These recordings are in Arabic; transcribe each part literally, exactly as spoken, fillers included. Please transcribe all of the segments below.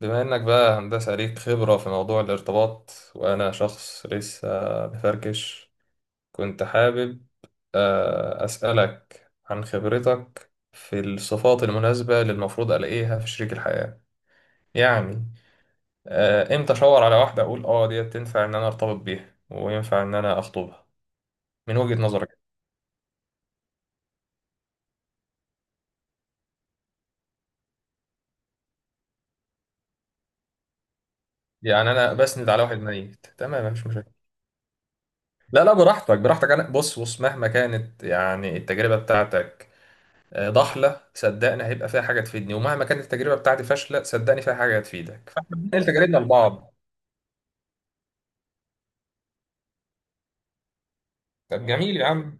بما انك بقى هندسة ليك خبرة في موضوع الارتباط وانا شخص لسه بفركش. كنت حابب آه، اسألك عن خبرتك في الصفات المناسبة اللي المفروض الاقيها في شريك الحياة. يعني آه، امتى اشاور على واحدة اقول اه ديت تنفع ان انا ارتبط بيها وينفع ان انا اخطبها؟ من وجهة نظرك. يعني انا بسند على واحد ميت، تمام، مفيش مشاكل. لا لا، براحتك براحتك. انا بص بص، مهما كانت يعني التجربة بتاعتك آه، ضحله، صدقني هيبقى فيها حاجه تفيدني، ومهما كانت التجربه بتاعتي فاشله، صدقني فيها حاجه هتفيدك، فاحنا بننقل تجاربنا لبعض. طب جميل يا عم.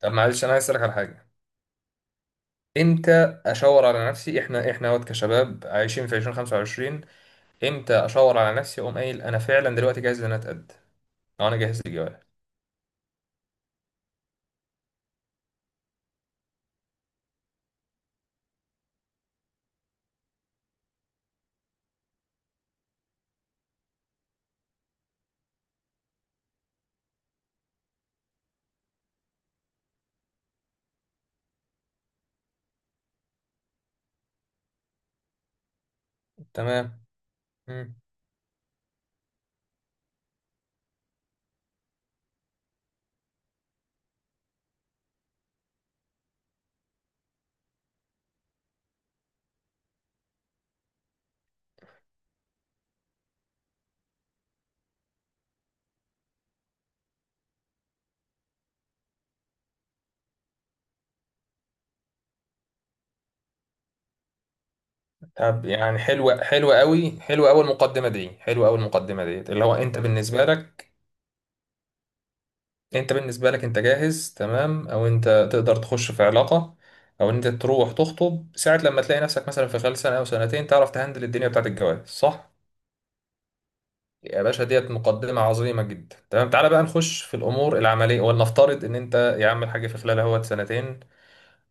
طب معلش انا عايز اسالك على حاجه، امتى اشاور على نفسي؟ احنا احنا وقت كشباب عايشين في الفين وخمسة وعشرين، امتى اشاور على نفسي اقوم قايل انا فعلا دلوقتي جاهز ان انا اتقد، او انا جاهز للجواز؟ تمام. مم. طب يعني حلوه، حلوه قوي، حلوه اول مقدمه دي، حلوه اول مقدمه ديت، اللي هو انت بالنسبه لك، انت بالنسبة لك انت جاهز تمام، او انت تقدر تخش في علاقة او ان انت تروح تخطب ساعة لما تلاقي نفسك مثلا في خلال سنة او سنتين تعرف تهندل الدنيا بتاعت الجواز، صح؟ يا باشا ديت مقدمة عظيمة جدا. تمام، تعالى بقى نخش في الامور العملية. ولنفترض ان انت يا عم الحاج في خلال اهوت سنتين،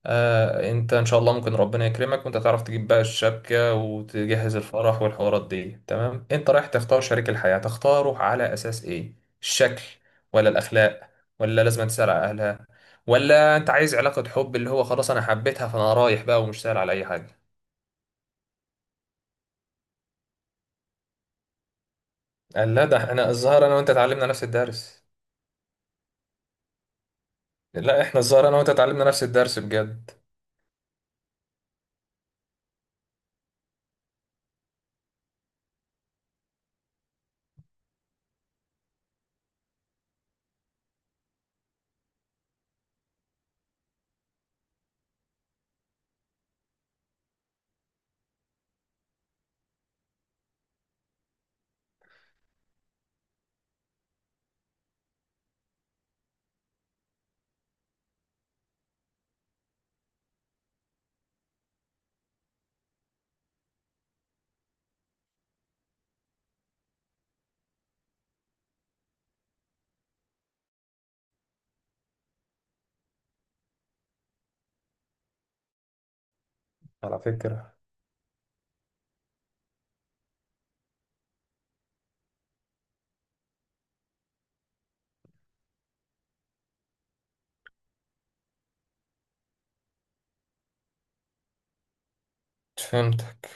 آه انت ان شاء الله ممكن ربنا يكرمك وانت تعرف تجيب بقى الشبكة وتجهز الفرح والحوارات دي. تمام، انت رايح تختار شريك الحياة، تختاره على اساس ايه؟ الشكل؟ ولا الاخلاق؟ ولا لازم تسأل على اهلها؟ ولا انت عايز علاقة حب اللي هو خلاص انا حبيتها فانا رايح بقى ومش سأل على اي حاجة؟ قال لا، ده احنا الظاهر انا وانت اتعلمنا نفس الدرس. لا احنا الظاهر انا وانت اتعلمنا نفس الدرس بجد. على فكرة. فهمتك.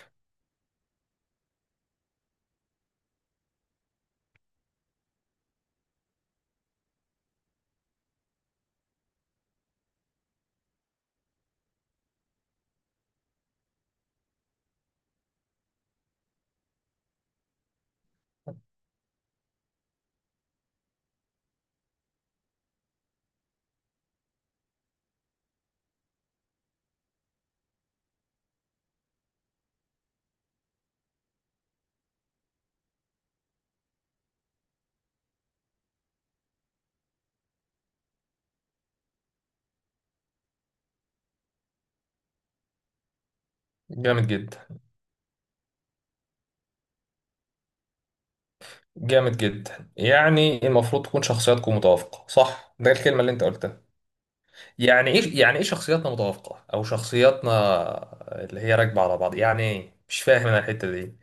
جامد جدا. جامد جدا، يعني المفروض تكون شخصياتكم متوافقة، صح؟ ده الكلمة اللي انت قلتها. يعني ايه؟ يعني ايه شخصياتنا متوافقة او شخصياتنا اللي هي راكبة على بعض؟ يعني ايه؟ مش فاهم انا الحتة دي.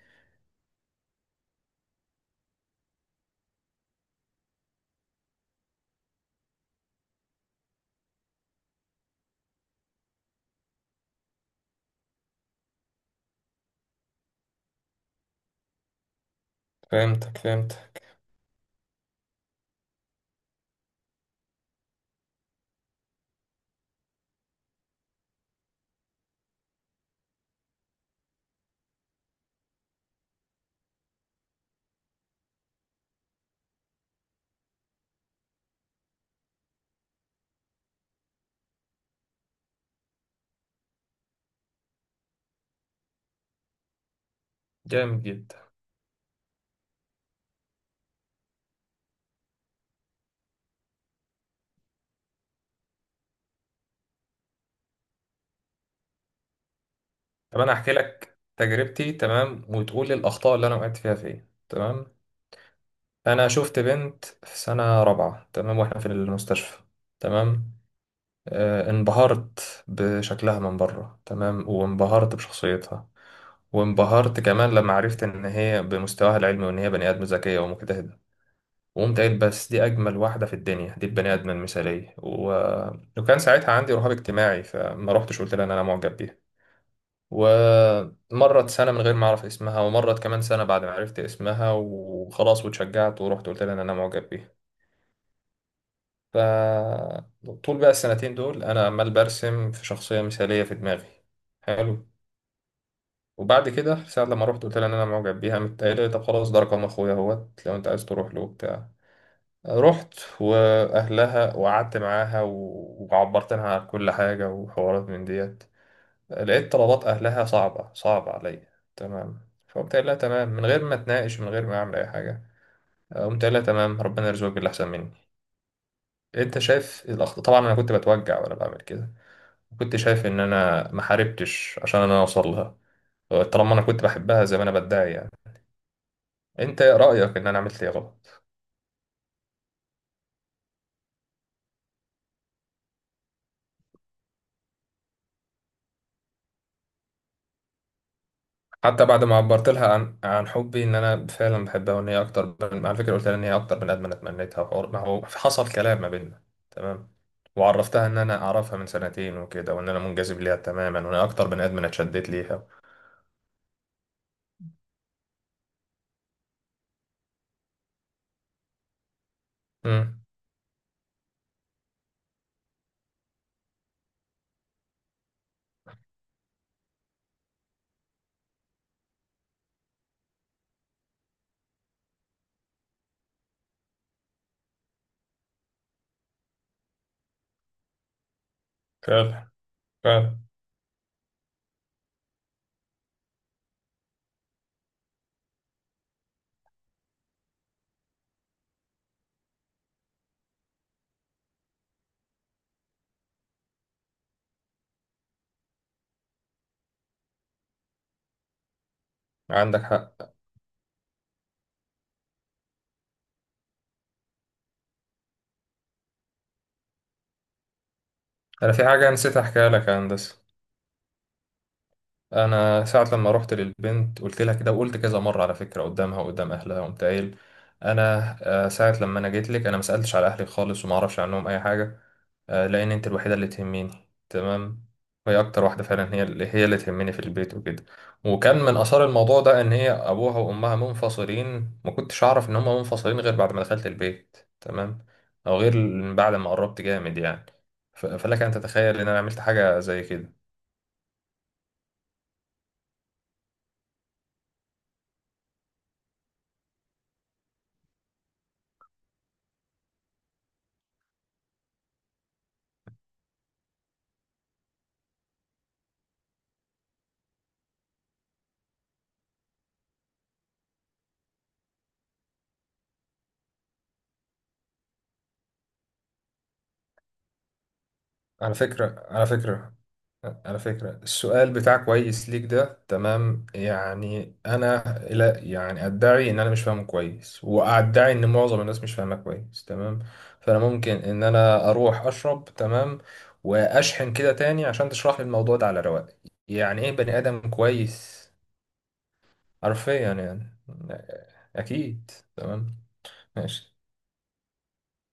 فهمتك فهمتك. جامد جدا. طب انا احكي لك تجربتي تمام وتقول لي الاخطاء اللي انا وقعت فيها فين، تمام؟ انا شفت بنت في سنة رابعة، تمام، واحنا في المستشفى، تمام. آه انبهرت بشكلها من بره، تمام، وانبهرت بشخصيتها، وانبهرت كمان لما عرفت ان هي بمستواها العلمي وان هي بني ادم ذكيه ومجتهده، وقمت قايل بس دي اجمل واحده في الدنيا، دي البني ادم المثاليه و... وكان ساعتها عندي رهاب اجتماعي، فما رحتش قلت لها ان انا معجب بيها. ومرت سنه من غير ما اعرف اسمها، ومرت كمان سنه بعد ما عرفت اسمها، وخلاص واتشجعت ورحت قلت لها ان انا معجب بيها. فطول بقى السنتين دول انا عمال برسم في شخصيه مثاليه في دماغي. حلو. وبعد كده ساعة لما رحت قلت لها ان انا معجب بيها، قامت قايله لي طب خلاص ده رقم اخويا اهوت لو انت عايز تروح له وبتاع. رحت واهلها وقعدت معاها و- وعبرت لها عن كل حاجه وحوارات من ديت. لقيت طلبات اهلها صعبه، صعبه عليا، تمام، فقمت قايل لها تمام، من غير ما اتناقش، من غير ما اعمل اي حاجه، قمت قايل لها تمام ربنا يرزقك باللي احسن مني. انت شايف الاخطاء؟ طبعا انا كنت بتوجع وانا بعمل كده، كنت شايف ان انا ما حاربتش عشان انا اوصل لها، طالما انا كنت بحبها زي ما انا بدعي يعني. انت ايه رأيك، ان انا عملت ايه غلط؟ حتى بعد ما عبرت لها عن عن حبي ان انا فعلا بحبها، وان هي اكتر بن... على فكرة قلت لها ان هي اكتر بني ادم انا اتمنيتها، وحوار- ما هو حصل كلام ما بيننا، تمام، وعرفتها ان انا اعرفها من سنتين وكده، وان انا منجذب ليها تماما، وان هي اكتر بني ادم انا اتشدت ليها. امم. فعلا فعلا. عندك حق. انا في حاجة نسيت احكيها لك يا هندسة. انا ساعه لما رحت للبنت قلت لها كده، وقلت كذا مره على فكره قدامها وقدام اهلها، قمت قايل انا آه، ساعه لما انا جيت لك انا ما سالتش على اهلي خالص وما اعرفش عنهم اي حاجه، آه، لان انت الوحيده اللي تهمني، تمام، وهي اكتر واحده فعلا، هي اللي هي اللي تهمني في البيت وكده. وكان من اثار الموضوع ده ان هي ابوها وامها منفصلين، ما كنتش اعرف ان هم منفصلين غير بعد ما دخلت البيت، تمام، او غير بعد ما قربت جامد يعني. ف- فلك ان تتخيل ان انا عملت حاجه زي كده. على فكرة، على فكرة، على فكرة السؤال بتاع كويس ليك ده، تمام يعني، أنا لا يعني أدعي إن أنا مش فاهمه كويس، وأدعي إن معظم الناس مش فاهمه كويس، تمام، فأنا ممكن إن أنا أروح أشرب، تمام، وأشحن كده تاني عشان تشرح لي الموضوع ده على رواق. يعني إيه بني آدم كويس؟ حرفيا يعني. أكيد. تمام. ماشي.